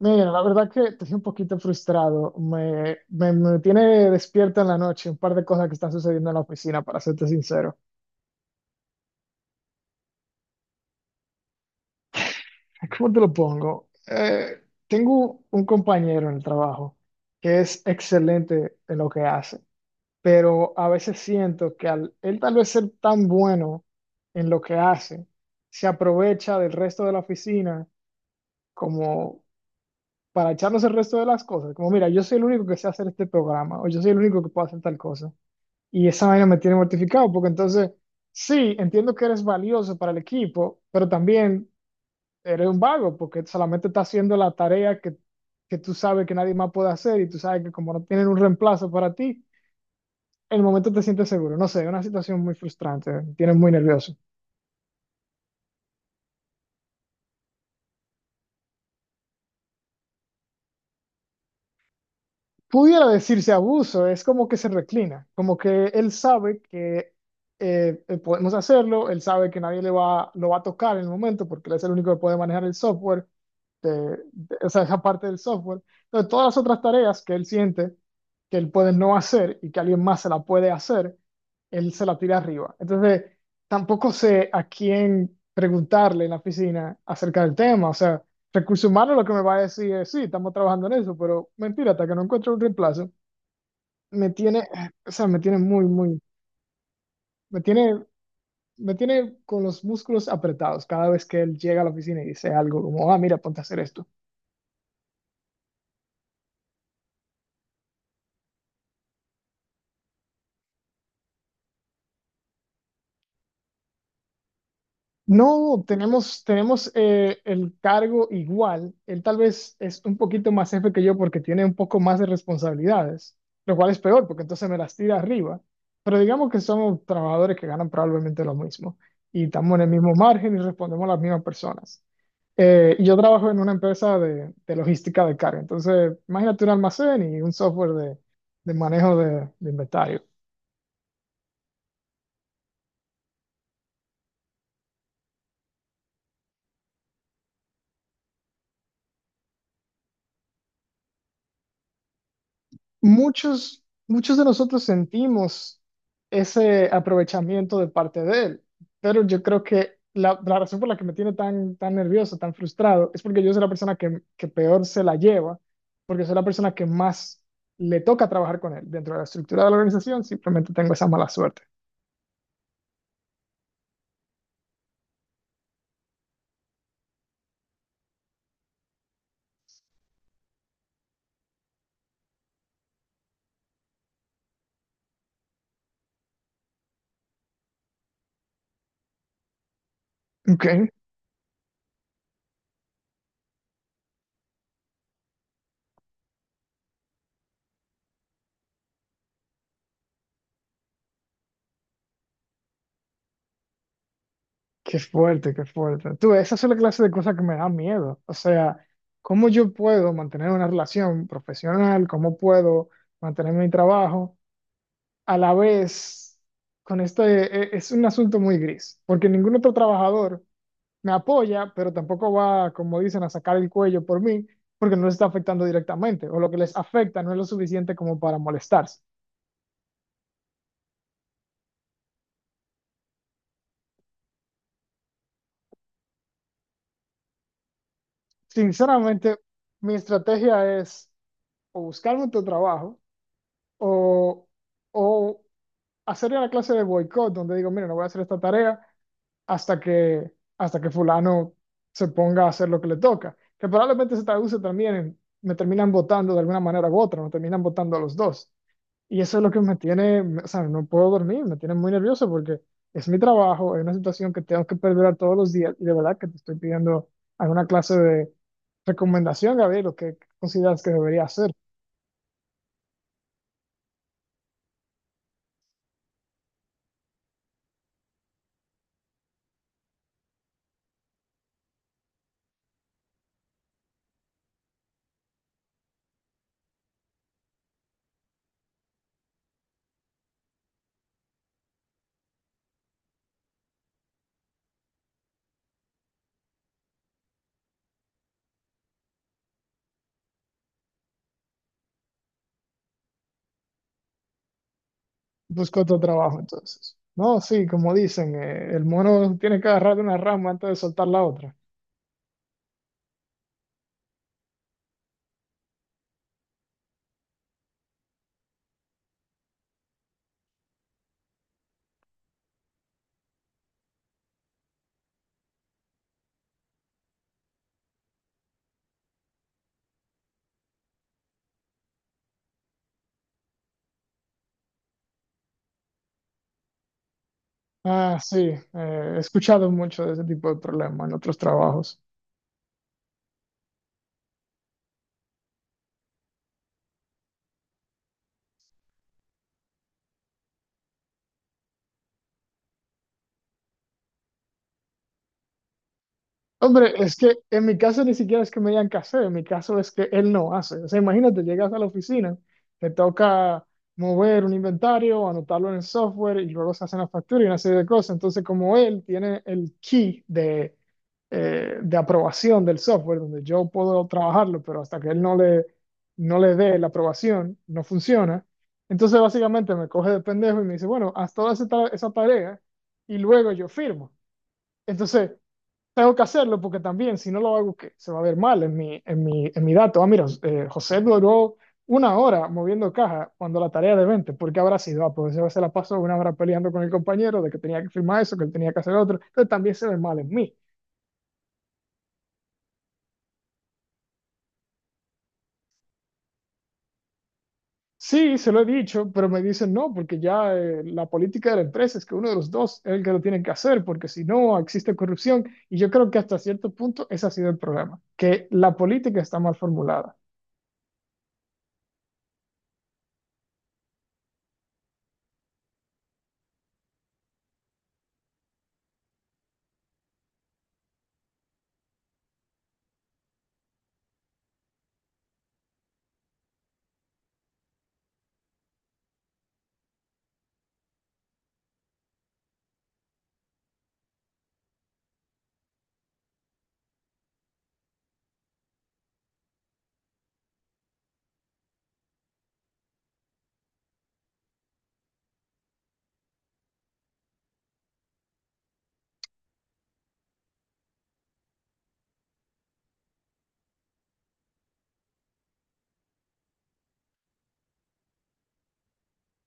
Mira, la verdad que estoy un poquito frustrado. Me tiene despierto en la noche un par de cosas que están sucediendo en la oficina, para serte sincero. ¿Cómo te lo pongo? Tengo un compañero en el trabajo que es excelente en lo que hace, pero a veces siento que al él tal vez ser tan bueno en lo que hace, se aprovecha del resto de la oficina como para echarnos el resto de las cosas. Como, mira, yo soy el único que sé hacer este programa, o yo soy el único que puedo hacer tal cosa. Y esa vaina me tiene mortificado, porque entonces, sí, entiendo que eres valioso para el equipo, pero también eres un vago, porque solamente estás haciendo la tarea que tú sabes que nadie más puede hacer, y tú sabes que como no tienen un reemplazo para ti, en el momento te sientes seguro. No sé, es una situación muy frustrante, me tiene muy nervioso. Pudiera decirse abuso, es como que se reclina, como que él sabe que podemos hacerlo, él sabe que nadie le va, lo va a tocar en el momento porque él es el único que puede manejar el software, o sea, esa parte del software. Entonces, todas las otras tareas que él siente que él puede no hacer y que alguien más se la puede hacer, él se la tira arriba. Entonces, tampoco sé a quién preguntarle en la oficina acerca del tema, o sea, Recursos humanos lo que me va a decir es, sí, estamos trabajando en eso, pero mentira, hasta que no encuentre un reemplazo, me tiene, o sea, me tiene muy, muy, me tiene, me tiene con los músculos apretados cada vez que él llega a la oficina y dice algo como, ah, mira, ponte a hacer esto. No, tenemos el cargo igual. Él tal vez es un poquito más jefe que yo porque tiene un poco más de responsabilidades, lo cual es peor porque entonces me las tira arriba. Pero digamos que somos trabajadores que ganan probablemente lo mismo y estamos en el mismo margen y respondemos a las mismas personas. Y yo trabajo en una empresa de logística de carga. Entonces, imagínate un almacén y un software de manejo de inventario. Muchos, muchos de nosotros sentimos ese aprovechamiento de parte de él, pero yo creo que la razón por la que me tiene tan, tan nervioso, tan frustrado, es porque yo soy la persona que peor se la lleva, porque soy la persona que más le toca trabajar con él dentro de la estructura de la organización, simplemente tengo esa mala suerte. Ok, qué fuerte, qué fuerte. Tú, esa es la clase de cosas que me da miedo. O sea, ¿cómo yo puedo mantener una relación profesional? ¿Cómo puedo mantener mi trabajo? A la vez, con esto es un asunto muy gris, porque ningún otro trabajador me apoya, pero tampoco va, como dicen, a sacar el cuello por mí, porque no les está afectando directamente, o lo que les afecta no es lo suficiente como para molestarse. Sinceramente, mi estrategia es o buscarme otro trabajo o, o hacer una clase de boicot donde digo, mira, no voy a hacer esta tarea hasta que, hasta que fulano se ponga a hacer lo que le toca, que probablemente se traduce también en, me terminan votando de alguna manera u otra, me terminan votando a los dos. Y eso es lo que me tiene, o sea, no puedo dormir, me tiene muy nervioso porque es mi trabajo, es una situación que tengo que perdurar todos los días y de verdad que te estoy pidiendo alguna clase de recomendación, Gabriel, lo que consideras que debería hacer. Busco otro trabajo entonces. No, sí, como dicen, el mono tiene que agarrar de una rama antes de soltar la otra. Ah, sí, he escuchado mucho de ese tipo de problemas en otros trabajos. Hombre, es que en mi caso ni siquiera es que me digan qué hacer, en mi caso es que él no hace. O sea, imagínate, llegas a la oficina, te toca mover un inventario, anotarlo en el software y luego se hacen las facturas y una serie de cosas. Entonces, como él tiene el key de aprobación del software, donde yo puedo trabajarlo, pero hasta que él no le, no le dé la aprobación, no funciona. Entonces, básicamente me coge de pendejo y me dice, bueno, haz toda esa tarea y luego yo firmo. Entonces tengo que hacerlo porque también, si no lo hago, ¿qué? Se va a ver mal en mi dato. Ah, mira, José duró una hora moviendo caja cuando la tarea de 20, ¿por qué habrá sido? Ah, pues yo se la pasó una hora peleando con el compañero de que tenía que firmar eso, que él tenía que hacer otro. Entonces también se ve mal en mí. Sí, se lo he dicho, pero me dicen no, porque ya la política de la empresa es que uno de los dos es el que lo tiene que hacer, porque si no existe corrupción. Y yo creo que hasta cierto punto ese ha sido el problema, que la política está mal formulada.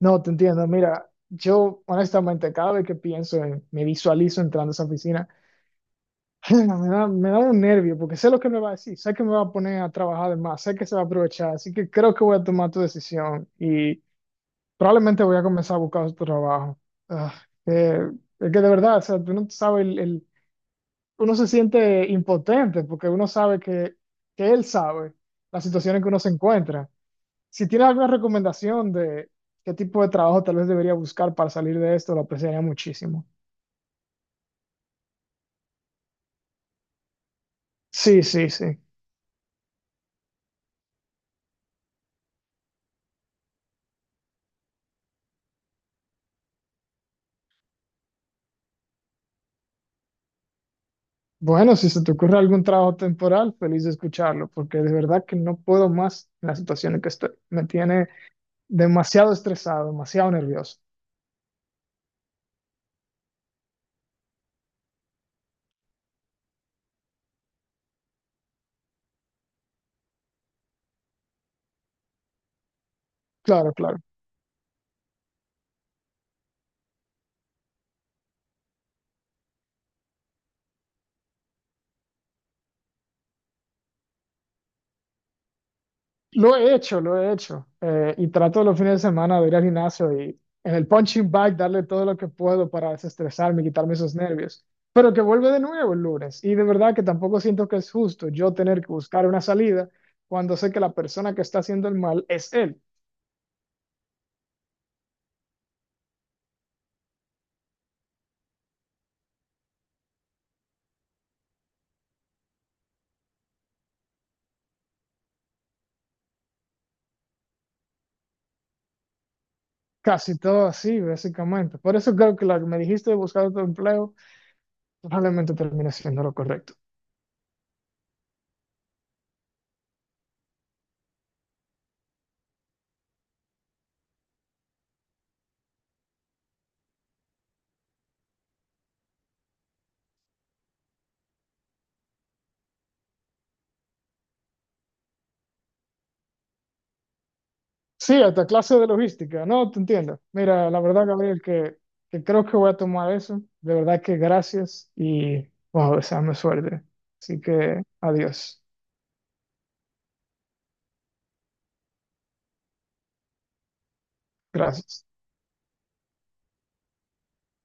No, te entiendo. Mira, yo honestamente cada vez que me visualizo entrando a esa oficina, me da un nervio porque sé lo que me va a decir, sé que me va a poner a trabajar de más, sé que se va a aprovechar, así que creo que voy a tomar tu decisión y probablemente voy a comenzar a buscar otro trabajo. Ah, eh, es que de verdad, o sea, tú no sabes uno se siente impotente porque uno sabe que él sabe la situación en que uno se encuentra. Si tienes alguna recomendación de qué tipo de trabajo tal vez debería buscar para salir de esto, lo apreciaría muchísimo. Sí, sí, sí. Bueno, si se te ocurre algún trabajo temporal, feliz de escucharlo, porque de verdad que no puedo más en la situación en que estoy. Me tiene demasiado estresado, demasiado nervioso. Claro, claro. Lo he hecho, lo he hecho. Y trato los fines de semana de ir al gimnasio y en el punching bag darle todo lo que puedo para desestresarme y quitarme esos nervios. Pero que vuelve de nuevo el lunes. Y de verdad que tampoco siento que es justo yo tener que buscar una salida cuando sé que la persona que está haciendo el mal es él. Casi todo así, básicamente. Por eso creo que lo que me dijiste de buscar otro empleo probablemente termine siendo lo correcto. Sí, hasta clase de logística. No, te entiendo. Mira, la verdad, Gabriel, que creo que voy a tomar eso. De verdad que gracias y wow, deseame suerte. Así que adiós. Gracias.